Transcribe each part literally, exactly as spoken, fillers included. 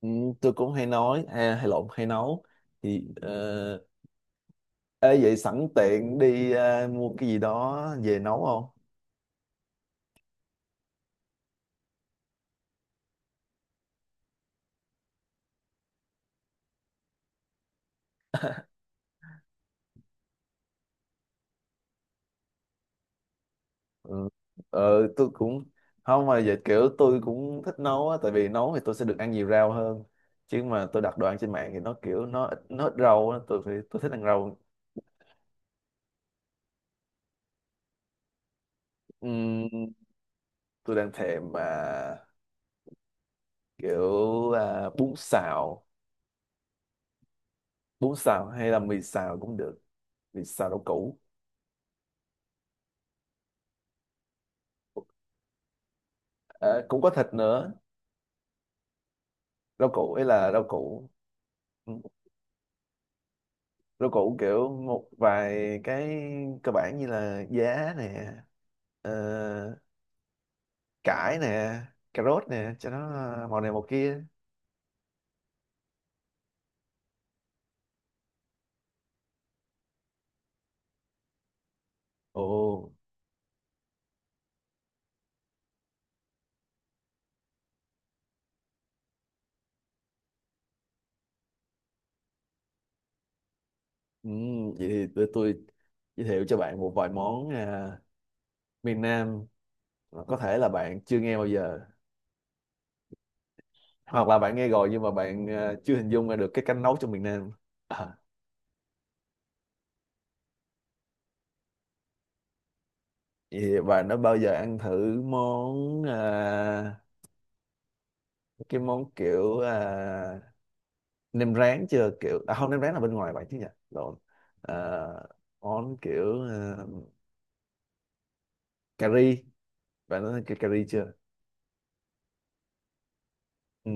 Ừ, tôi cũng hay nói hay, hay lộn hay nấu thì ờ, ê, vậy sẵn tiện đi ờ, mua cái gì đó về nấu không? Ừ. Ờ, tôi cũng không mà vậy kiểu tôi cũng thích nấu á, tại vì nấu thì tôi sẽ được ăn nhiều rau hơn, chứ mà tôi đặt đồ ăn trên mạng thì nó kiểu nó ít nó ít rau á, tôi phải tôi thích ăn rau. Ừm, tôi đang thèm mà kiểu à, bún xào, bún xào hay là mì xào cũng được, mì xào rau củ. Ờ, cũng có thịt nữa, rau củ ấy là rau củ Ừ. Rau củ kiểu một vài cái cơ bản, như là giá nè, ờ, cải nè, cà rốt nè, cho nó màu này màu kia. Ồ. Ừm, vậy thì để tôi giới thiệu cho bạn một vài món à, miền Nam, mà có thể là bạn chưa nghe bao giờ, hoặc là bạn nghe rồi nhưng mà bạn à, chưa hình dung ra được cái cách nấu trong miền Nam. À, vậy thì bạn đã bao giờ ăn thử món à, cái món kiểu à, nem rán chưa, kiểu à không, nem rán là bên ngoài vậy chứ nhỉ, lộn. Ờ, món kiểu ờ, cà ri, bạn nói cái cà ri chưa? Ừ.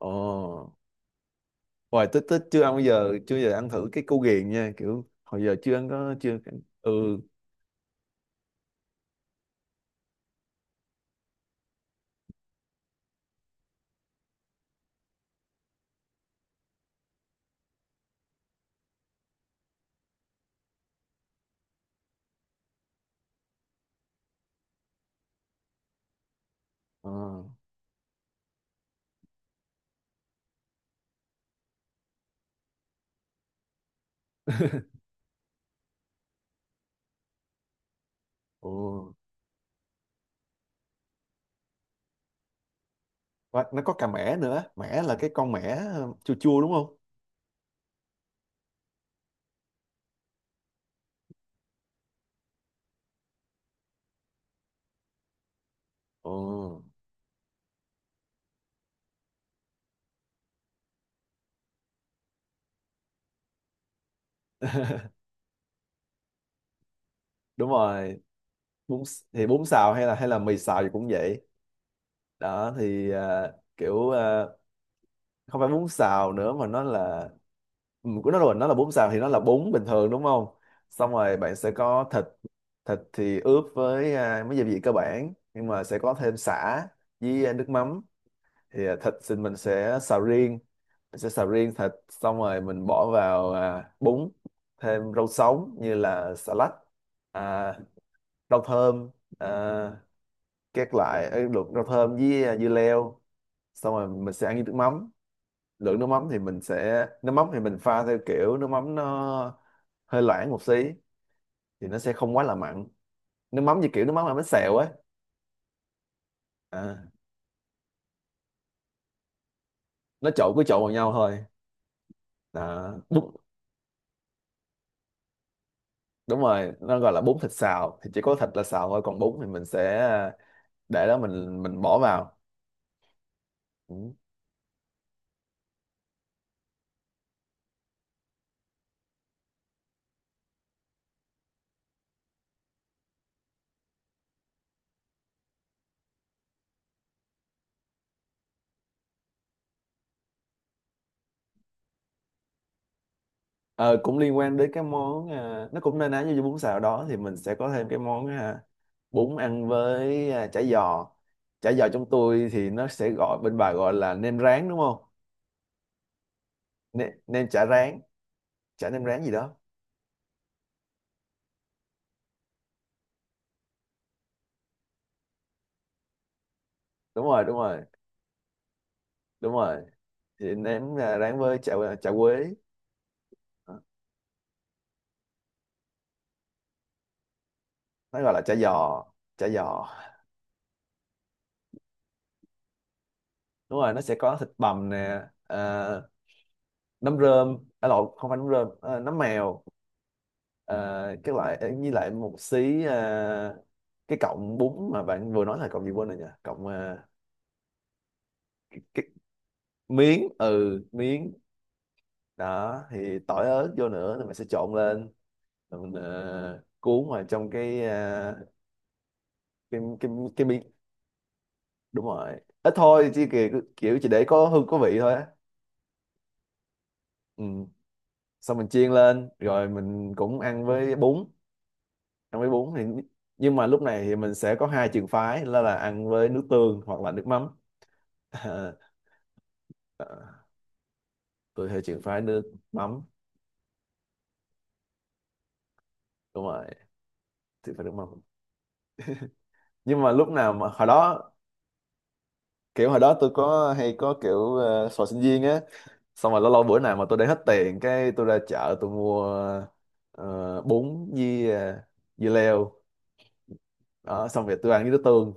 Ồ. Hoài tích tích chưa ăn bao giờ, chưa bao giờ ăn thử cái cu ghiền nha, kiểu hồi giờ chưa ăn có chưa. Ừ. Ờ. Ồ. Và nó có cà mẻ nữa, mẻ là cái con mẻ, ờ, chua chua đúng không? Ồ. Đúng rồi. Bún s- thì bún xào hay là hay là mì xào thì cũng vậy đó. Thì ờ, kiểu ờ, không phải bún xào nữa mà nó là, ừ, của nó là, nó là bún xào thì nó là bún bình thường đúng không. Xong rồi bạn sẽ có thịt, thịt thì ướp với à, mấy gia vị cơ bản, nhưng mà sẽ có thêm sả với à, nước mắm. Thì à, thịt thì mình sẽ xào riêng, mình sẽ xào riêng thịt, xong rồi mình bỏ vào à, bún, thêm rau sống như là xà lách, à, rau thơm, à, các loại, ờ, luộc rau thơm với à, dưa leo, xong rồi mình sẽ ăn với nước mắm. Lượng nước mắm thì mình sẽ nước mắm thì mình pha theo kiểu nước mắm nó hơi loãng một xí, thì nó sẽ không quá là mặn. Nước mắm như kiểu nước mắm làm bánh xèo ấy. À, nó trộn, cứ trộn vào nhau thôi. Đó, đúng. Đúng rồi, nó gọi là bún thịt xào thì chỉ có thịt là xào thôi, còn bún thì mình sẽ để đó, mình mình bỏ vào. Ừ. Ờ, cũng liên quan đến cái món à, nó cũng na ná như bún xào đó, thì mình sẽ có thêm cái món à, bún ăn với à, chả giò. Chả giò trong tôi thì nó sẽ gọi, bên bà gọi là nem rán đúng không. Nem, nem chả rán, chả nem rán gì đó. Đúng rồi, đúng rồi, đúng rồi Thì nem à, rán với chả, chả quế. Đó. Nó gọi là chả giò, chả giò Đúng rồi, nó sẽ có thịt bằm nè, à, nấm rơm, à, lộn, không phải nấm rơm, à, nấm mèo, à, cái loại à, với lại một xí à, cái cọng bún mà bạn vừa nói là cọng gì quên rồi nhỉ, cọng à, cái miếng, ừ, miếng. Đó, thì tỏi ớt vô nữa, thì mình sẽ trộn lên, rồi mình ờ, cuốn vào trong cái ờ, cái cái cái, miếng. Đúng rồi, ít thôi, chỉ kiểu, kiểu chỉ để có hương có vị thôi á. Ừ. Xong mình chiên lên, rồi mình cũng ăn với bún. Ăn với bún thì nhưng mà lúc này thì mình sẽ có hai trường phái là là ăn với nước tương hoặc là nước mắm. Ờ, tôi theo trường phái nước mắm. Đúng rồi, trường phái nước mắm. Nhưng mà lúc nào mà hồi đó, kiểu hồi đó tôi có hay có kiểu, uh, sò sinh viên á, xong rồi lâu lâu bữa nào mà tôi để hết tiền, cái tôi ra chợ tôi mua ờ, bún với, uh, dưa leo. Đó, xong rồi tôi ăn với nước tương.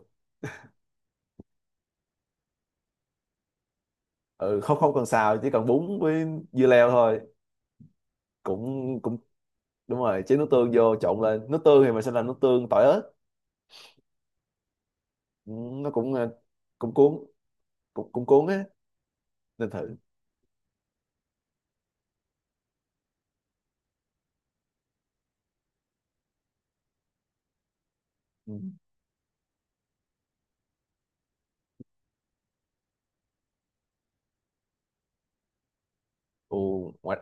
Ừ, không, không cần xào, chỉ cần bún với dưa leo thôi, cũng cũng Đúng rồi, chế nước tương vô trộn lên, nước tương thì mình sẽ làm nước tương tỏi ớt. Ừ, nó cũng ờ, cũng cuốn, cũng, cũng cuốn á, nên thử. Ừ. Ồ, ngoài,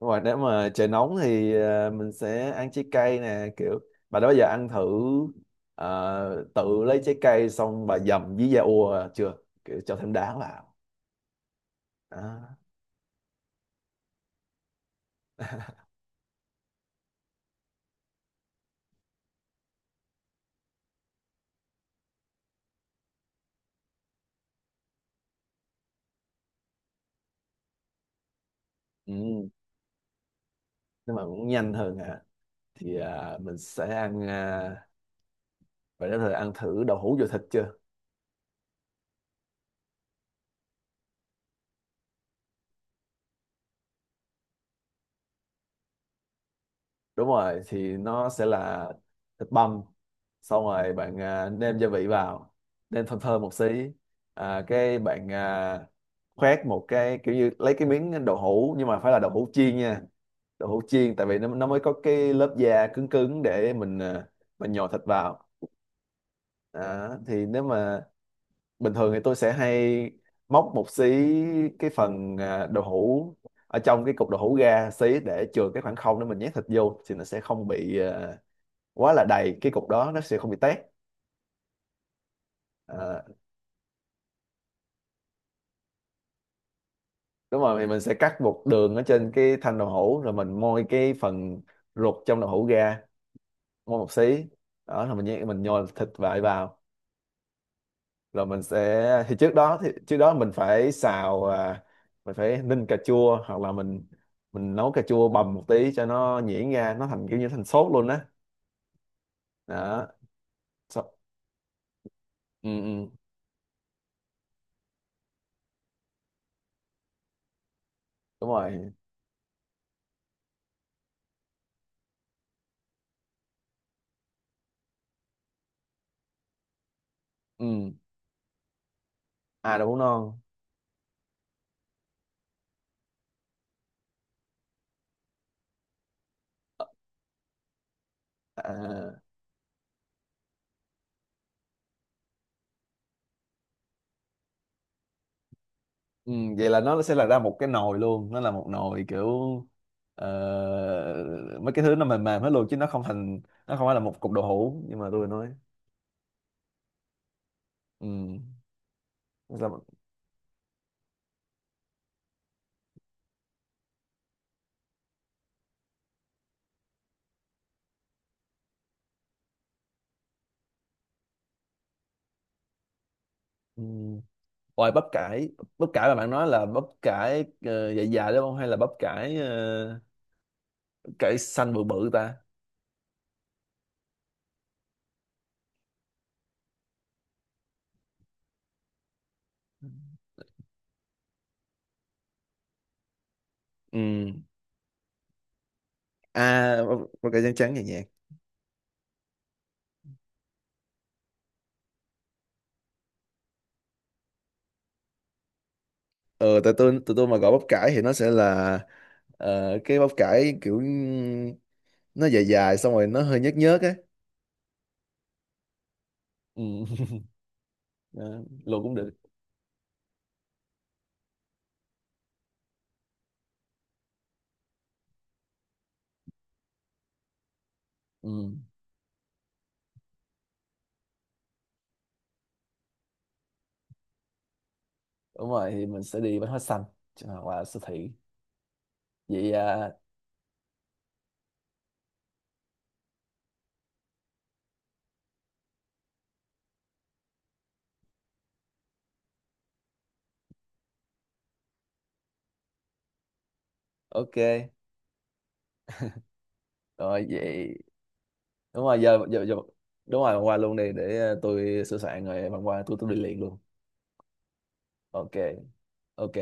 ngoài nếu mà trời nóng thì ờ, mình sẽ ăn trái cây nè, kiểu bà đó giờ ăn thử, ờ, tự lấy trái cây xong bà dầm với da ua chưa, kiểu cho thêm đá vào. Đó. Ừ. Nếu mà muốn nhanh hơn à, thì à, mình sẽ ăn ờ, bạn đã thử ăn thử đậu hũ dừa thịt chưa? Đúng rồi, thì nó sẽ là thịt băm. Xong rồi bạn à, nêm gia vị vào, nêm thơm thơm một xí. À, cái bạn à, khoét một cái kiểu như lấy cái miếng đậu hũ, nhưng mà phải là đậu hũ chiên nha. Đậu hũ chiên, tại vì nó nó mới có cái lớp da cứng cứng để mình à, mình nhồi thịt vào. Đó, thì nếu mà bình thường thì tôi sẽ hay móc một xí cái phần à, đậu hũ ở trong cái cục đậu hũ ra xí, để chừa cái khoảng không để mình nhét thịt vô, thì nó sẽ không bị à, quá là đầy, cái cục đó nó sẽ không bị tét. À, đúng rồi, thì mình sẽ cắt một đường ở trên cái thanh đậu hũ, rồi mình moi cái phần ruột trong đậu hũ ra, moi một xí, đó là mình nhét, mình nhồi thịt vại vào, rồi mình sẽ thì trước đó thì trước đó mình phải xào, à, mình phải ninh cà chua, hoặc là mình mình nấu cà chua bầm một tí cho nó nhuyễn ra, nó thành kiểu như thành sốt luôn á. Đó. So, ừ, ừ, đúng rồi. Ừ. À, đậu hũ non. À, ừ. Vậy là nó sẽ là ra một cái nồi luôn, nó là một nồi kiểu ờ, mấy cái thứ nó mềm mềm hết luôn, chứ nó không thành, nó không phải là một cục đậu hũ, nhưng mà tôi nói. Ừ. Nó ra một-. Ừ. Ôi bắp cải, bắp cải mà bạn nói là bắp cải, uh, dài dài đúng không? Hay là bắp cải, ờ, bắp cải xanh bự bự ta? Ừ. À, bắp, bắp cải trắng trắng nhẹ nhàng. Ờ, tại tôi tụi tôi mà gọi bắp cải thì nó sẽ là ờ, cái bắp cải kiểu nó dài dài, xong rồi nó hơi nhớt nhớt á. Ừ. Ờ, luộc cũng được. Ừ. Đúng rồi, thì mình sẽ đi bánh hoa xanh. Chứ mà qua siêu thị. Vậy à, ok. Rồi vậy, đúng rồi, giờ giờ, giờ đúng rồi qua luôn đi, để ờ, tôi sửa soạn rồi bạn qua, tôi tôi đi liền luôn. Ok. Ok.